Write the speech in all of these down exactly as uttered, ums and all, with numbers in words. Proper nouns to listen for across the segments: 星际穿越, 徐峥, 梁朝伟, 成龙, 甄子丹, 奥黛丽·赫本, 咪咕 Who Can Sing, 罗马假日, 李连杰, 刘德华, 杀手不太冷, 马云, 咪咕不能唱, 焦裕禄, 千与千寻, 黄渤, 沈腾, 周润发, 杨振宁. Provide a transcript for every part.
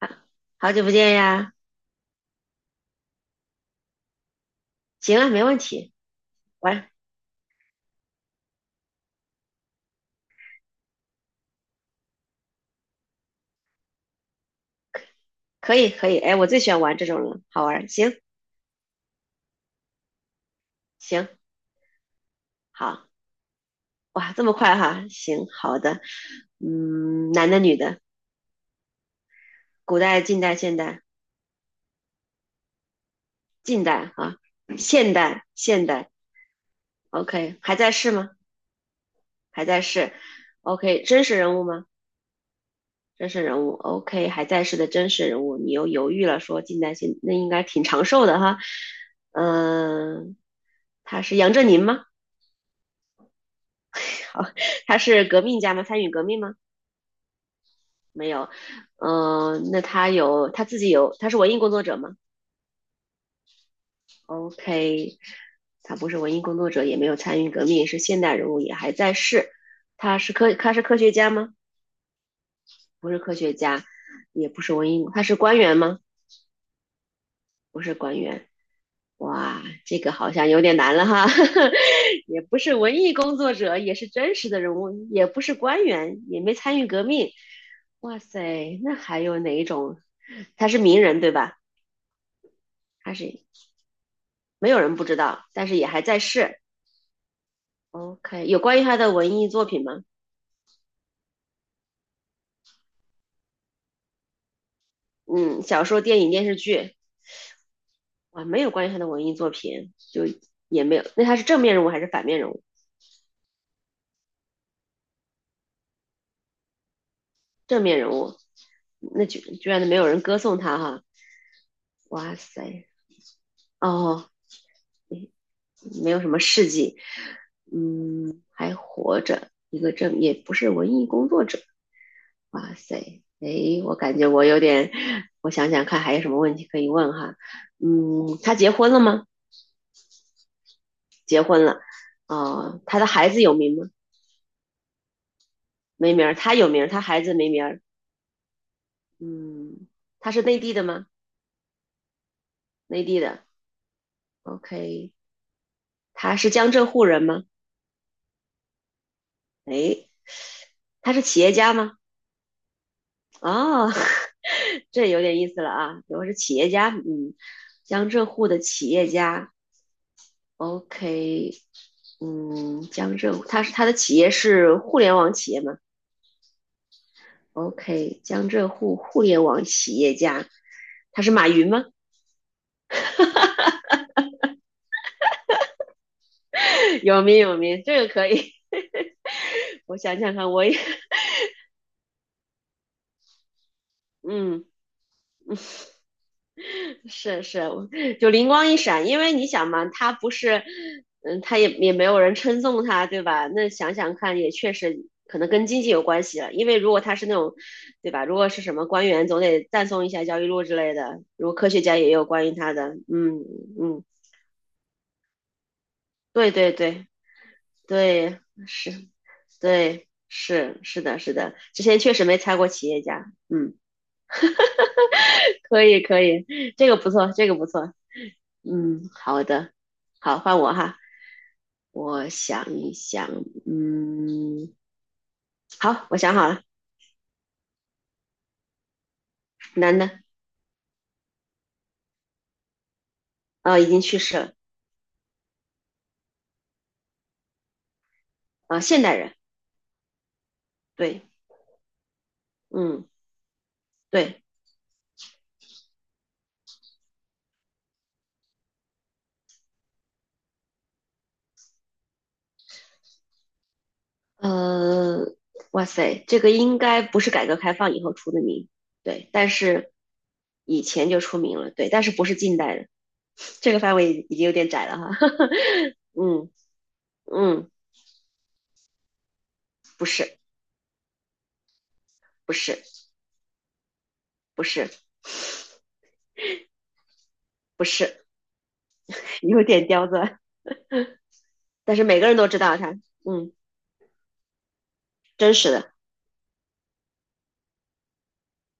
啊，好久不见呀！行啊，没问题，玩可以可以。哎，我最喜欢玩这种了，好玩儿。行行，好哇，这么快哈？行，好的。嗯，男的女的，古代、近代、现代、近代啊，现代现代。OK，还在世吗？还在世。OK，真实人物吗？真实人物。OK，还在世的真实人物。你又犹豫了，说近代现，那应该挺长寿的哈。嗯、他是杨振宁吗？他是革命家吗？参与革命吗？没有。嗯、呃那他有他自己有，他是文艺工作者吗？OK，他不是文艺工作者，也没有参与革命，是现代人物，也还在世。他是科他是科学家吗？不是科学家，也不是文艺，他是官员吗？不是官员。哇，这个好像有点难了哈，也不是文艺工作者，也是真实的人物，也不是官员，也没参与革命。哇塞，那还有哪一种他是名人对吧？他是没有人不知道，但是也还在世。OK，有关于他的文艺作品吗？嗯，小说、电影、电视剧，哇，没有关于他的文艺作品，就也没有。那他是正面人物还是反面人物？正面人物，那就居然没有人歌颂他哈！哇塞，哦，没有什么事迹，嗯，还活着，一个正也不是文艺工作者。哇塞，诶，我感觉我有点，我想想看还有什么问题可以问哈。嗯，他结婚了吗？结婚了。哦，他的孩子有名吗？没名儿，他有名儿，他孩子没名儿。嗯，他是内地的吗？内地的。OK，他是江浙沪人吗？诶，他是企业家吗？哦，这有点意思了啊。我是企业家，嗯，江浙沪的企业家，OK，嗯，江浙沪，它是他的企业是互联网企业吗？OK，江浙沪互联网企业家，他是马云吗？有名有名，这个可以。我想想看，我也嗯。是是，就灵光一闪，因为你想嘛，他不是，嗯，他也也没有人称颂他，对吧？那想想看，也确实可能跟经济有关系了，因为如果他是那种，对吧？如果是什么官员，总得赞颂一下焦裕禄之类的。如果科学家也有关于他的，嗯嗯，对对对对，是，对是是的是的，之前确实没猜过企业家，嗯，可以可以，这个不错，这个不错，嗯，好的，好，换我哈。我想一想，嗯，好，我想好了，男的，呃，已经去世了，呃，现代人，对，嗯，对，呃，哇塞，这个应该不是改革开放以后出的名，对，但是以前就出名了，对，但是不是近代的，这个范围已经有点窄了哈，嗯嗯，不是，不是，不是，不是，有点刁钻，但是每个人都知道他，嗯，真实的，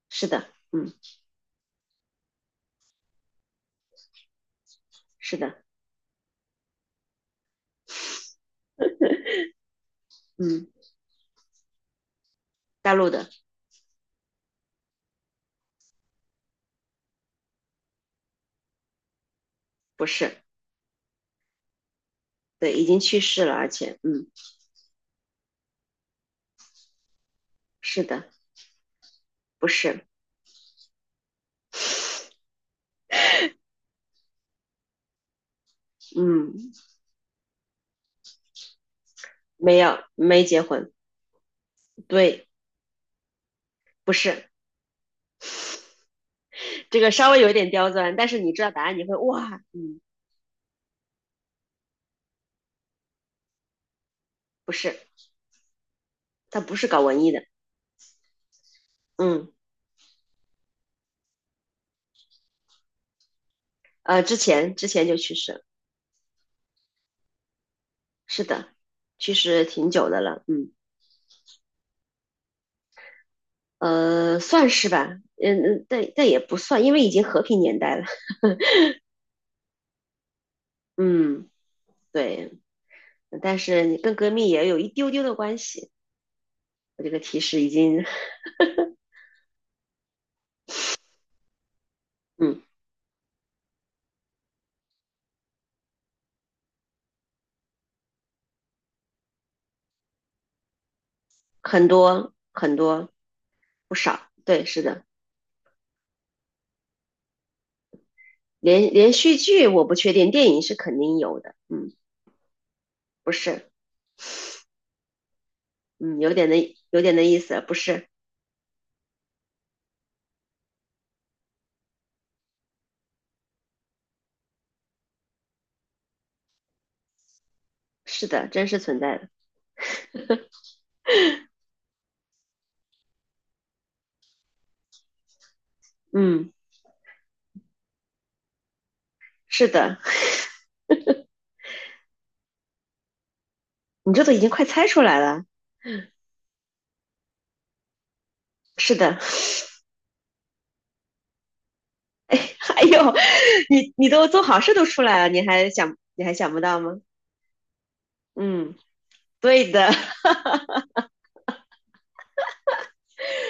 是的，嗯，是的。嗯，大陆的不是，对，已经去世了，而且，嗯，是的，不是，嗯，没有，没结婚，对，不是，这个稍微有一点刁钻，但是你知道答案，你会哇，嗯，不是，他不是搞文艺的，嗯，呃，之前之前就去世了，是的，去世挺久的了，嗯，呃，算是吧，嗯嗯，但但也不算，因为已经和平年代了，嗯，对，但是你跟革命也有一丢丢的关系，我这个提示已经，嗯。很多很多不少，对，是的，连连续剧我不确定，电影是肯定有的，嗯，不是，嗯，有点的有点的意思，不是，是的，真实存在的，嗯，是的，你这都已经快猜出来了，是的，哎呦，你你都做好事都出来了，你还想你还想不到吗？嗯，对的，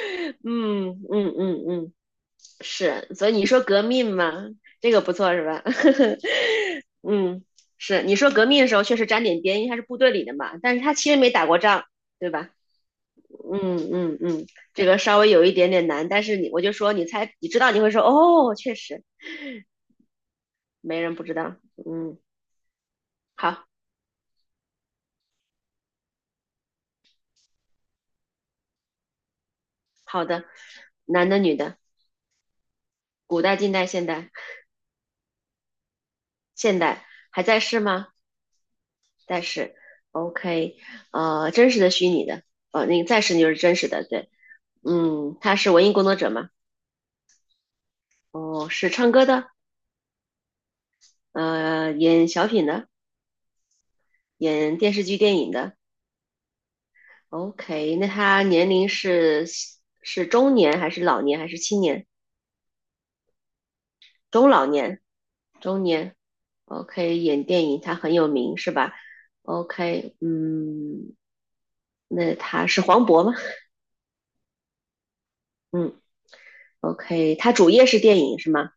嗯嗯嗯嗯，是，所以你说革命嘛，这个不错是吧？嗯，是你说革命的时候确实沾点边，因为他是部队里的嘛，但是他其实没打过仗，对吧？嗯嗯嗯，这个稍微有一点点难，但是你我就说你猜，你知道你会说哦，确实没人不知道。嗯，好好的，男的女的，古代、近代、现代，现代还在世吗？在世。OK，呃，真实的、虚拟的，呃，那个在世就是真实的，对。嗯，他是文艺工作者嘛？哦，是唱歌的，呃，演小品的，演电视剧、电影的。OK，那他年龄是是中年还是老年还是青年？中老年，中年。OK，演电影他很有名是吧？OK，嗯，那他是黄渤吗？嗯，OK，他主业是电影是吗？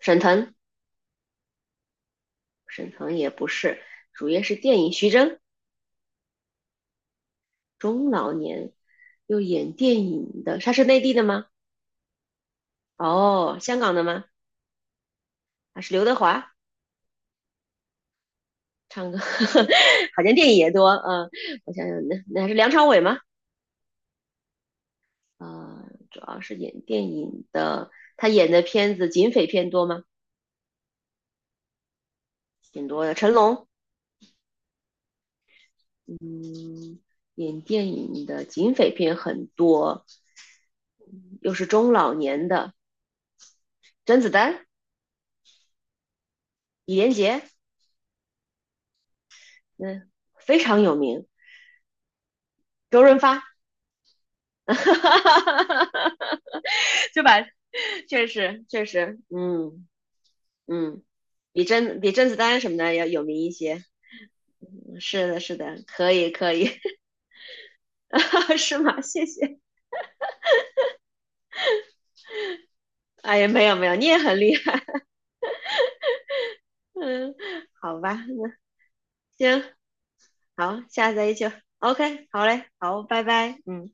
沈腾，沈腾也不是，主业是电影。徐峥，中老年又演电影的，他是内地的吗？哦，香港的吗？他是刘德华。唱歌 好像电影也多，啊，呃我想想，那那还是梁朝伟吗？呃，主要是演电影的，他演的片子警匪片多吗？挺多的。成龙，嗯，演电影的警匪片很多，嗯又是中老年的，甄子丹、李连杰，嗯，非常有名。周润发，对吧？确实，确实，嗯嗯，比甄比甄子丹什么的要有名一些。嗯是的，是的，可以，可以，是吗？谢谢。哎呀，没有没有，你也很厉害。嗯，好吧，行，好，下次再一起。OK，好嘞，好，拜拜。嗯。